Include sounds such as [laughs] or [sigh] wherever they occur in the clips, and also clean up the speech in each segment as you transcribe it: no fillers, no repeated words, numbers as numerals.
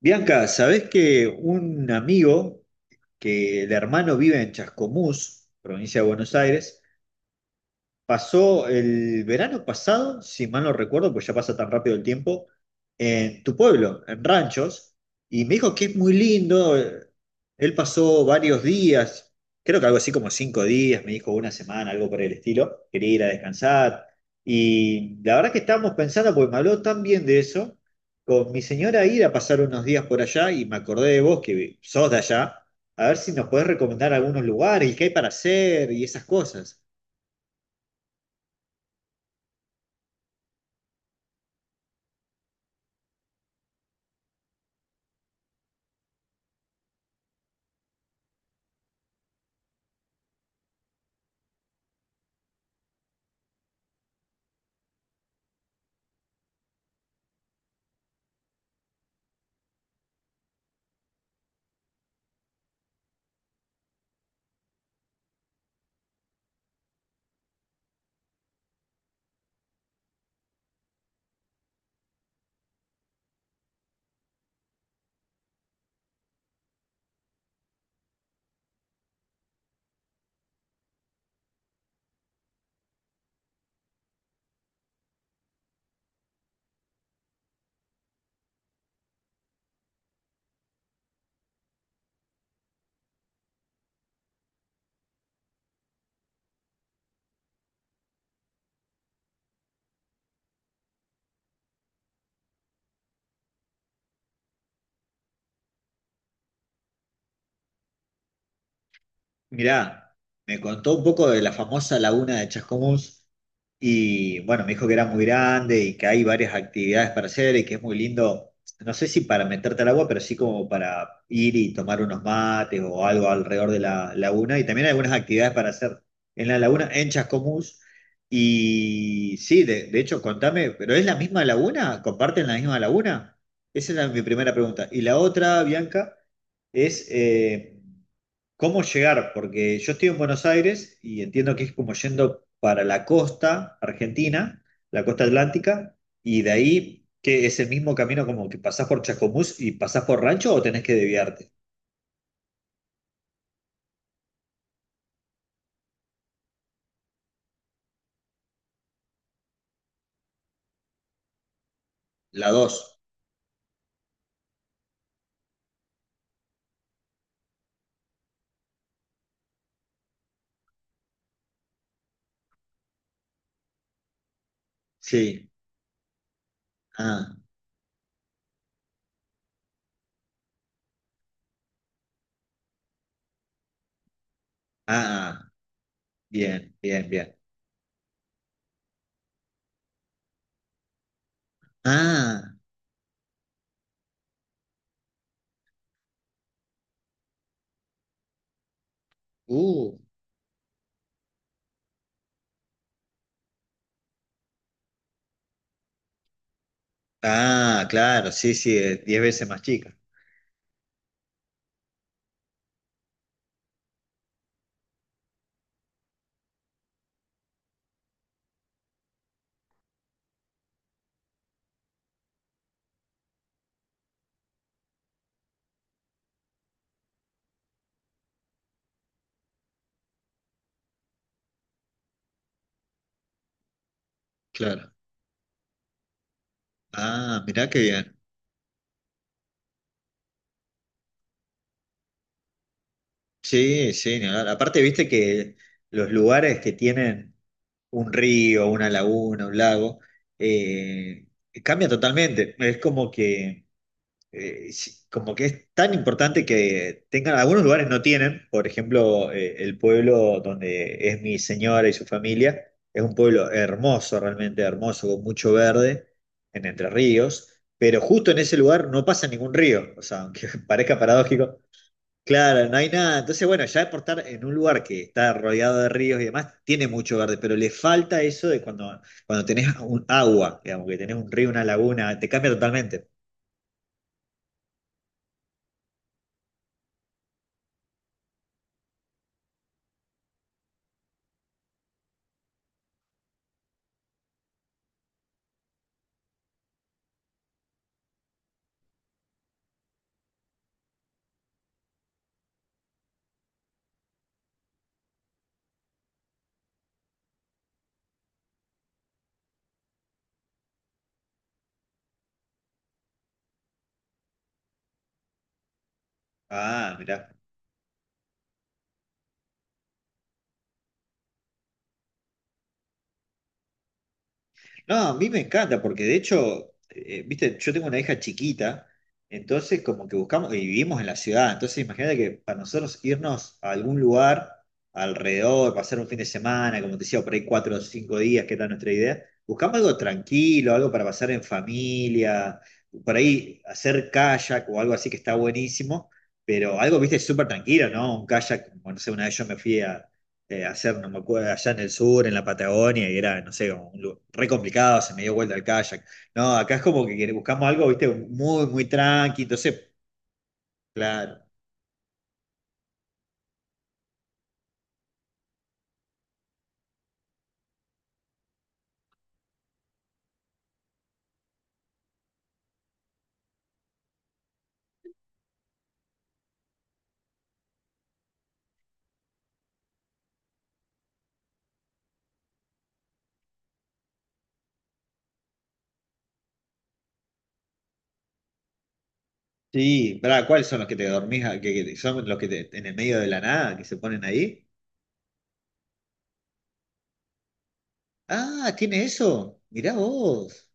Bianca, ¿sabés que un amigo que el hermano vive en Chascomús, provincia de Buenos Aires, pasó el verano pasado, si mal no recuerdo, pues ya pasa tan rápido el tiempo, en tu pueblo, en Ranchos, y me dijo que es muy lindo. Él pasó varios días, creo que algo así como 5 días, me dijo una semana, algo por el estilo. Quería ir a descansar. Y la verdad que estábamos pensando, porque me habló tan bien de eso, con mi señora ir a pasar unos días por allá y me acordé de vos, que sos de allá, a ver si nos podés recomendar algunos lugares y qué hay para hacer y esas cosas. Mirá, me contó un poco de la famosa laguna de Chascomús y bueno, me dijo que era muy grande y que hay varias actividades para hacer y que es muy lindo, no sé si para meterte al agua, pero sí como para ir y tomar unos mates o algo alrededor de la laguna y también hay algunas actividades para hacer en la laguna, en Chascomús. Y sí, de hecho, contame, ¿pero es la misma laguna? ¿Comparten la misma laguna? Mi primera pregunta. Y la otra, Bianca, es, ¿cómo llegar? Porque yo estoy en Buenos Aires y entiendo que es como yendo para la costa argentina, la costa atlántica, y de ahí que es el mismo camino como que pasás por Chascomús y pasás por Rancho o tenés que desviarte. La dos. Sí. Ah, ah, ah. Bien, bien, bien. Ah, uh. Ah, claro, sí, sí, es 10 veces más chica. Claro. Ah, mirá qué bien. Sí, sí, ni hablar. Aparte, viste que los lugares que tienen un río, una laguna, un lago, eh, cambia totalmente. Es como que, como que es tan importante que tengan, algunos lugares no tienen, por ejemplo, el pueblo donde es mi señora y su familia, es un pueblo hermoso, realmente hermoso, con mucho verde, en Entre Ríos. Pero justo en ese lugar no pasa ningún río, o sea, aunque [laughs] parezca paradójico. Claro, no hay nada. Entonces, bueno, ya por estar en un lugar que está rodeado de ríos y demás, tiene mucho verde, pero le falta eso de cuando tenés un agua, digamos, que tenés un río, una laguna, te cambia totalmente. Ah, mirá. No, a mí me encanta, porque de hecho, viste, yo tengo una hija chiquita, entonces como que buscamos, y vivimos en la ciudad, entonces imagínate que para nosotros irnos a algún lugar alrededor, pasar un fin de semana, como te decía, por ahí 4 o 5 días, que era nuestra idea, buscamos algo tranquilo, algo para pasar en familia, por ahí hacer kayak o algo así que está buenísimo, pero algo, viste, súper tranquilo, ¿no? Un kayak, bueno, no sé, una vez yo me fui a, hacer, no me acuerdo, allá en el sur, en la Patagonia, y era, no sé, como un re complicado, se me dio vuelta el kayak. No, acá es como que buscamos algo, viste, muy, muy tranqui, entonces, claro. Sí, pará, ¿cuáles son los que te dormís, que son los que en el medio de la nada, que se ponen ahí? Ah, ¿tiene eso? Mirá vos.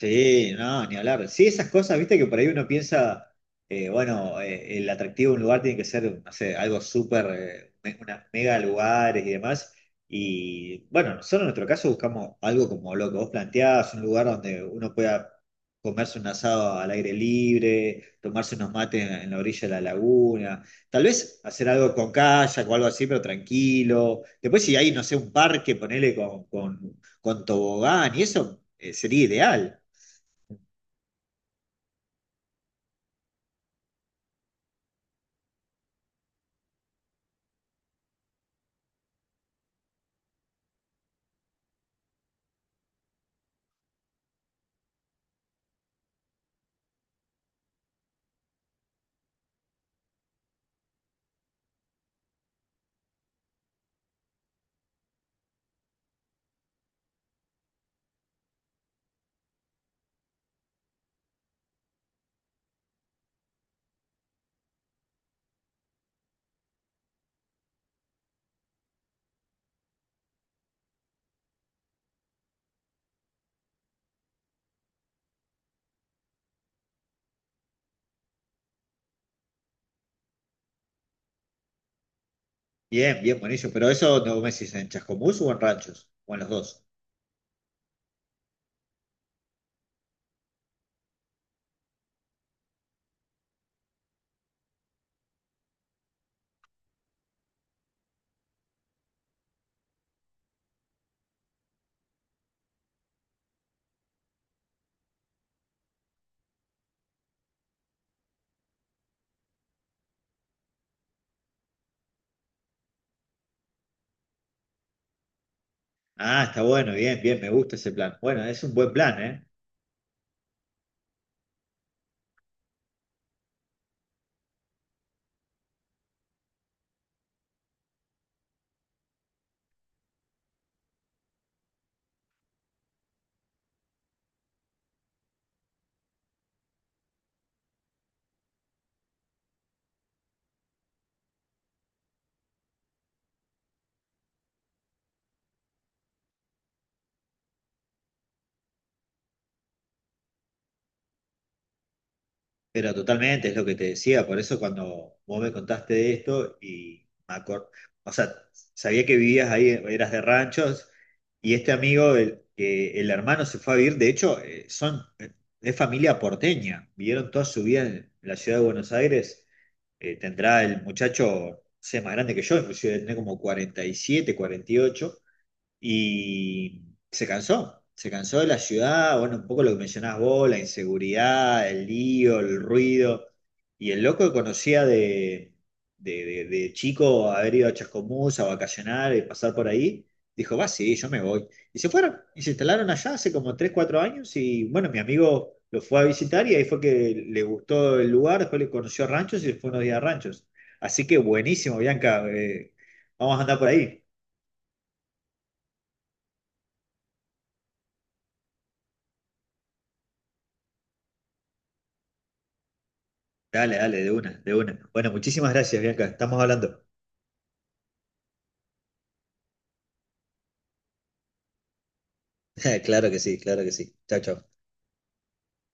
Sí, no, ni hablar. Sí, esas cosas, viste que por ahí uno piensa, bueno, el atractivo de un lugar tiene que ser, no sé, algo súper, unas mega lugares y demás. Y bueno, nosotros en nuestro caso buscamos algo como lo que vos planteabas, un lugar donde uno pueda comerse un asado al aire libre, tomarse unos mates en la orilla de la laguna, tal vez hacer algo con kayak o algo así, pero tranquilo. Después si hay, no sé, un parque, ponele con tobogán y eso, sería ideal. Bien, bien, buenísimo. Pero eso no me decís en Chascomús o en Ranchos, o en los dos. Ah, está bueno, bien, bien, me gusta ese plan. Bueno, es un buen plan, ¿eh? Pero totalmente, es lo que te decía, por eso cuando vos me contaste de esto y me o sea, sabía que vivías ahí, eras de Ranchos, y este amigo, que el hermano se fue a vivir, de hecho, es familia porteña, vivieron toda su vida en la ciudad de Buenos Aires, tendrá el muchacho, no sé, más grande que yo, inclusive tiene como 40 47 48 y se cansó de la ciudad, bueno, un poco lo que mencionás vos, la inseguridad, el lío, el ruido. Y el loco que conocía de chico haber ido a Chascomús a vacacionar y pasar por ahí, dijo, va, sí, yo me voy. Y se fueron, y se instalaron allá hace como 3 4 años y bueno, mi amigo lo fue a visitar y ahí fue que le gustó el lugar, después le conoció Ranchos y se fue unos días a Ranchos. Así que buenísimo, Bianca, vamos a andar por ahí. Dale, dale, de una, de una. Bueno, muchísimas gracias, Bianca. Estamos hablando. [laughs] Claro que sí, claro que sí. Chao, chao.